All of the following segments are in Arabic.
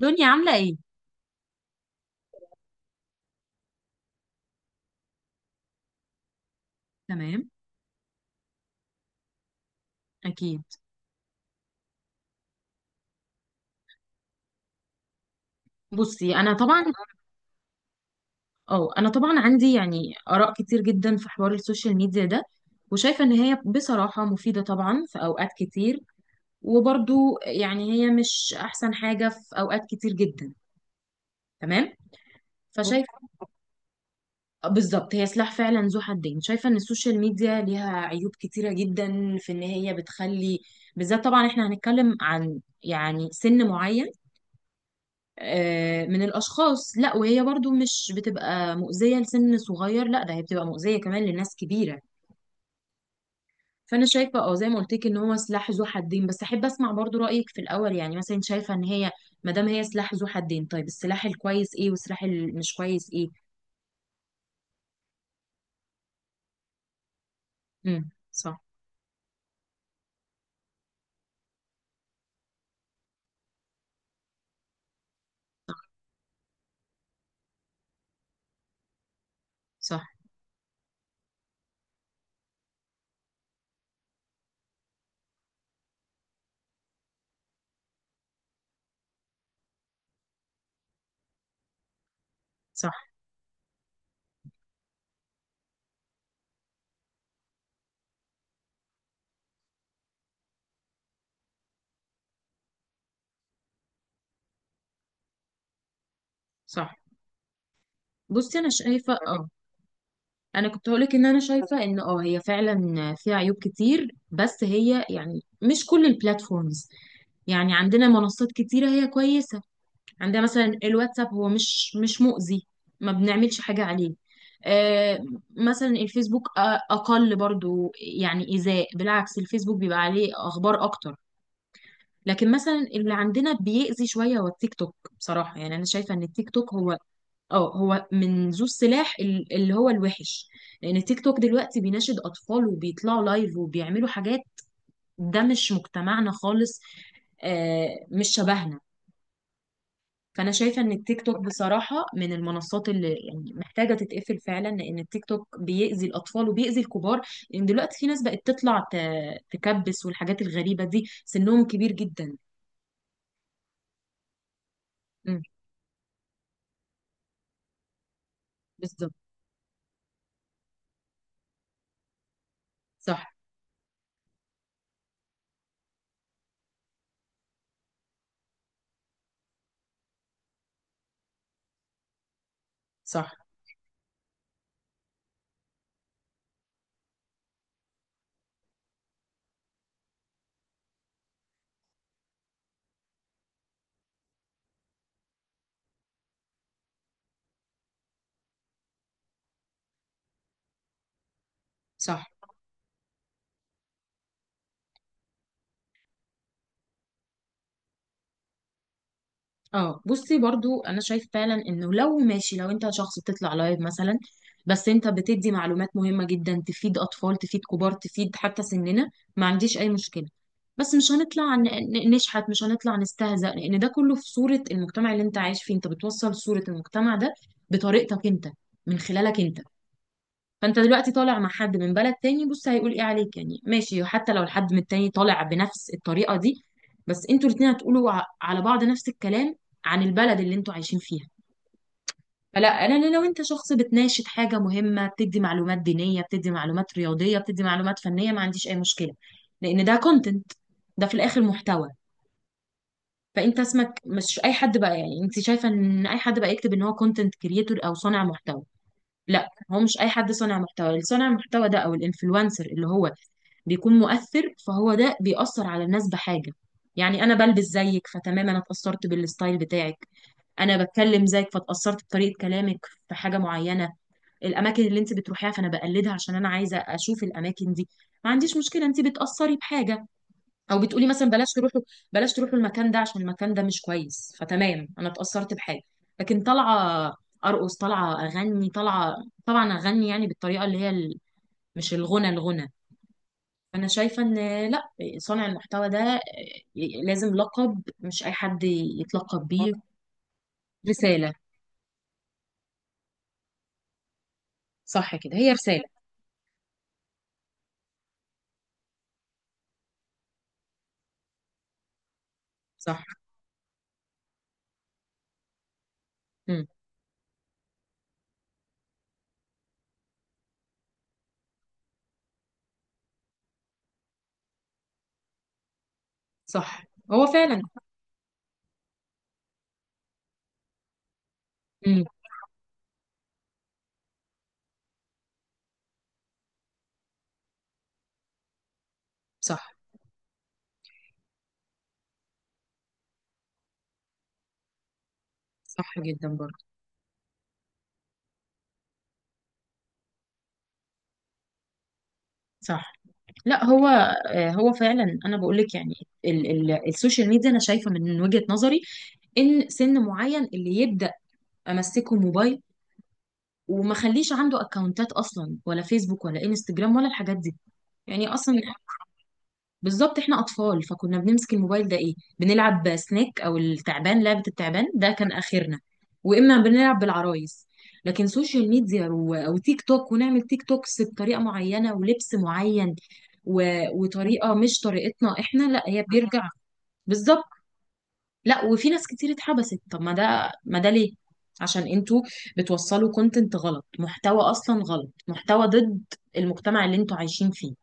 دنيا عاملة ايه؟ تمام. اكيد. بصي، انا طبعا. اه انا طبعا عندي يعني اراء كتير جدا في حوار السوشيال ميديا ده، وشايفة ان هي بصراحة مفيدة طبعا في اوقات كتير. وبرضو يعني هي مش احسن حاجة في اوقات كتير جدا. تمام؟ فشايفة. بالظبط هي سلاح فعلا ذو حدين. شايفة ان السوشيال ميديا ليها عيوب كتيرة جدا في ان هي بتخلي، بالذات طبعا احنا هنتكلم عن يعني سن معين من الأشخاص. لا، وهي برضو مش بتبقى مؤذية لسن صغير، لا ده هي بتبقى مؤذية كمان لناس كبيرة. فأنا شايفة زي ما قلت لك إن هو سلاح ذو حدين، بس أحب أسمع برضو رأيك في الأول. يعني مثلا أنت شايفة إن هي، ما دام هي سلاح ذو حدين، طيب السلاح الكويس إيه والسلاح المش كويس إيه؟ امم. صح. صح. صح. صح. بصي، أنا شايفة أنا كنت هقولك إن أنا شايفة إن هي فعلا فيها عيوب كتير، بس هي يعني مش كل البلاتفورمز. يعني عندنا منصات كتيرة هي كويسة. عندنا مثلا الواتساب هو مش مؤذي. ما بنعملش حاجة عليه. آه. مثلا الفيسبوك أقل برضو يعني إيذاء. بالعكس الفيسبوك بيبقى عليه أخبار أكتر. لكن مثلا اللي عندنا بيأذي شوية هو التيك توك. بصراحة يعني أنا شايفة إن التيك توك هو، اه هو من ذو السلاح اللي هو الوحش. لأن التيك توك دلوقتي بيناشد أطفال وبيطلعوا لايف وبيعملوا حاجات ده مش مجتمعنا خالص. آه، مش شبهنا. فانا شايفه ان التيك توك بصراحه من المنصات اللي يعني محتاجه تتقفل فعلا، لان التيك توك بيأذي الاطفال وبيأذي الكبار. لان دلوقتي في ناس بقت تطلع تكبس والحاجات الغريبه دي سنهم كبير جدا. امم. بالظبط. صح. صح. صح. اه بصي برضو انا شايف فعلا انه لو ماشي، لو انت شخص بتطلع لايف مثلا، بس انت بتدي معلومات مهمة جدا تفيد اطفال تفيد كبار تفيد حتى سننا، ما عنديش اي مشكلة. بس مش هنطلع نشحت، مش هنطلع نستهزأ، لان ده كله في صورة المجتمع اللي انت عايش فيه. انت بتوصل صورة المجتمع ده بطريقتك انت، من خلالك انت. فانت دلوقتي طالع مع حد من بلد تاني، بص هيقول ايه عليك؟ يعني ماشي، حتى لو الحد من التاني طالع بنفس الطريقة دي، بس انتوا الاتنين هتقولوا على بعض نفس الكلام عن البلد اللي انتوا عايشين فيها. فلا لا لا، لو انت شخص بتناشد حاجة مهمة، بتدي معلومات دينية، بتدي معلومات رياضية، بتدي معلومات فنية، ما عنديش اي مشكلة. لان ده كونتنت، ده في الاخر محتوى. فانت اسمك مش اي حد بقى. يعني انت شايفة ان اي حد بقى يكتب ان هو كونتنت كريتور او صانع محتوى؟ لا، هو مش اي حد صانع محتوى. اللي صانع المحتوى ده او الانفلونسر اللي هو بيكون مؤثر، فهو ده بيأثر على الناس بحاجة. يعني انا بلبس زيك، فتمام انا اتأثرت بالستايل بتاعك. انا بتكلم زيك، فاتأثرت بطريقة كلامك في حاجة معينة. الاماكن اللي انت بتروحيها فانا بقلدها عشان انا عايزة اشوف الاماكن دي، ما عنديش مشكلة، انت بتأثري بحاجة. او بتقولي مثلا بلاش تروحوا، المكان ده عشان المكان ده مش كويس، فتمام انا اتأثرت بحاجه. لكن طالعه ارقص، طالعه اغني، طالعه، طبعا اغني يعني بالطريقه اللي هي ال... مش الغنى الغنى. فانا شايفه ان، لا، صانع المحتوى ده لازم لقب مش اي حد يتلقب بيه. رساله. صح كده، هي رساله. صح. امم. صح. هو فعلا. امم. صح. صح جدا برضه. صح. لا هو هو فعلا انا بقول لك يعني ال ال السوشيال ميديا انا شايفه من وجهة نظري ان سن معين اللي يبدا امسكه موبايل، وما خليش عنده اكونتات اصلا ولا فيسبوك ولا انستجرام ولا الحاجات دي يعني اصلا. بالظبط، احنا اطفال فكنا بنمسك الموبايل ده ايه؟ بنلعب سنيك او التعبان، لعبة التعبان ده كان اخرنا. واما بنلعب بالعرايس. لكن سوشيال ميديا او تيك توك، ونعمل تيك توكس بطريقة معينة ولبس معين و... وطريقة مش طريقتنا احنا، لا، هي بيرجع. بالظبط. لا، وفي ناس كتير اتحبست. طب ما ده ليه؟ عشان انتوا بتوصلوا كونتنت غلط، محتوى اصلا غلط، محتوى ضد المجتمع اللي انتوا عايشين فيه.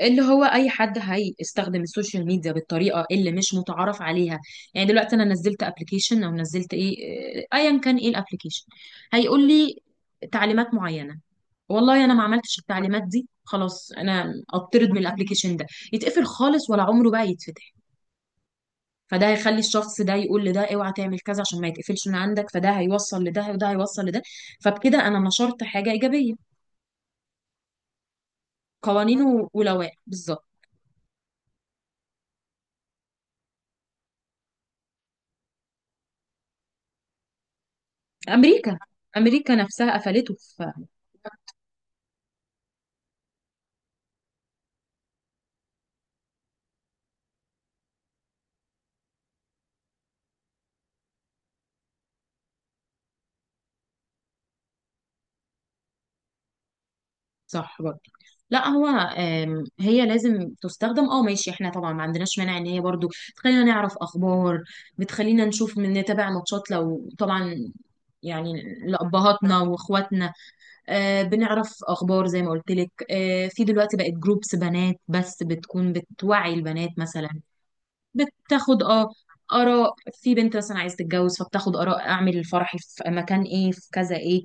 اللي هو اي حد هيستخدم السوشيال ميديا بالطريقه اللي مش متعارف عليها، يعني دلوقتي انا نزلت ابلكيشن او نزلت ايه، آه، ايا كان ايه الابلكيشن، هيقول لي تعليمات معينه. والله انا ما عملتش التعليمات دي، خلاص انا اطرد من الابلكيشن ده. يتقفل خالص ولا عمره بقى يتفتح. فده هيخلي الشخص ده يقول لده اوعى تعمل كذا عشان ما يتقفلش من عندك. فده هيوصل لده وده هيوصل لده. فبكده انا نشرت حاجه ايجابيه. قوانين ولوائح بالظبط. امريكا. امريكا نفسها قفلته. صح برضه. لا هو هي لازم تستخدم ماشي. احنا طبعا ما عندناش مانع ان هي برضه تخلينا نعرف اخبار، بتخلينا نشوف، من نتابع ماتشات لو طبعا يعني لأبهاتنا واخواتنا. آه، بنعرف اخبار زي ما قلت لك. آه، في دلوقتي بقت جروبس بنات بس بتكون بتوعي البنات مثلا. بتاخد آراء في بنت مثلا عايزة تتجوز، فبتاخد آراء أعمل الفرح في مكان إيه، في كذا إيه.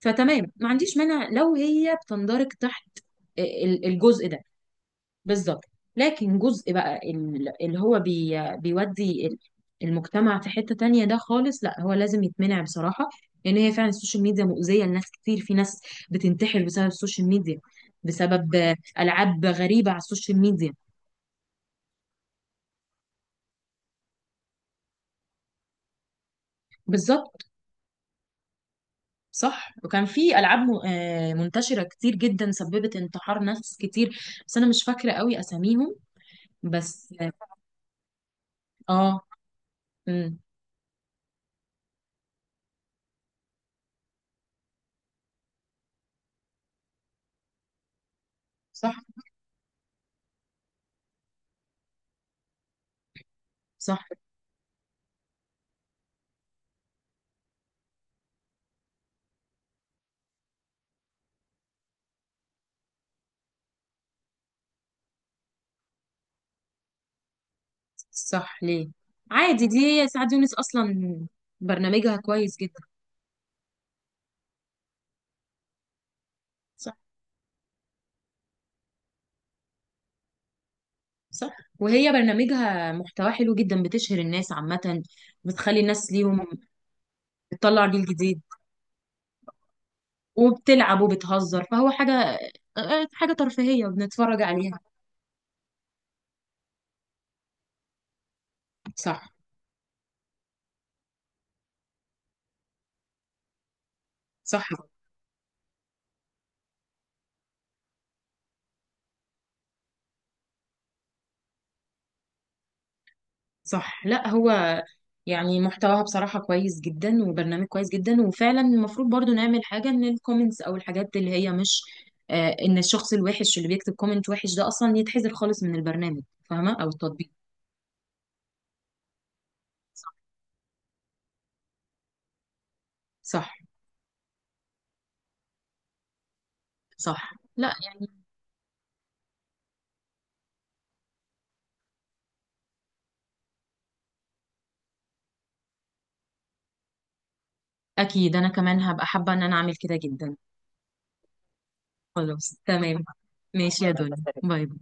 فتمام ما عنديش مانع لو هي بتندرج تحت الجزء ده. بالظبط. لكن جزء بقى اللي هو بي بيودي المجتمع في حتة تانية ده خالص، لا، هو لازم يتمنع بصراحة. لأن هي فعلا السوشيال ميديا مؤذية لناس كتير. في ناس بتنتحر بسبب السوشيال ميديا، بسبب ألعاب غريبة على السوشيال ميديا. بالظبط. صح، وكان في العاب منتشره كتير جدا سببت انتحار ناس كتير، بس انا مش فاكره قوي اساميهم. بس. اه. امم. صح. صح. صح. ليه؟ عادي دي. هي سعاد يونس اصلا، برنامجها كويس جدا. صح. صح، وهي برنامجها محتواه حلو جدا، بتشهر الناس عامه، بتخلي الناس ليهم، بتطلع جيل جديد، وبتلعب وبتهزر، فهو حاجه حاجه ترفيهيه بنتفرج عليها. صح. صح. صح. لا هو يعني محتواها بصراحة كويس جدا، وبرنامج كويس جدا، وفعلا المفروض برضو نعمل حاجة ان الكومنتس او الحاجات اللي هي مش، ان الشخص الوحش اللي بيكتب كومنت وحش ده اصلا يتحذر خالص من البرنامج، فاهمة، او التطبيق. صح. صح. صح. لا يعني اكيد انا كمان هبقى حابة ان انا اعمل كده جدا. خلاص تمام. ماشي يا دنيا، باي باي.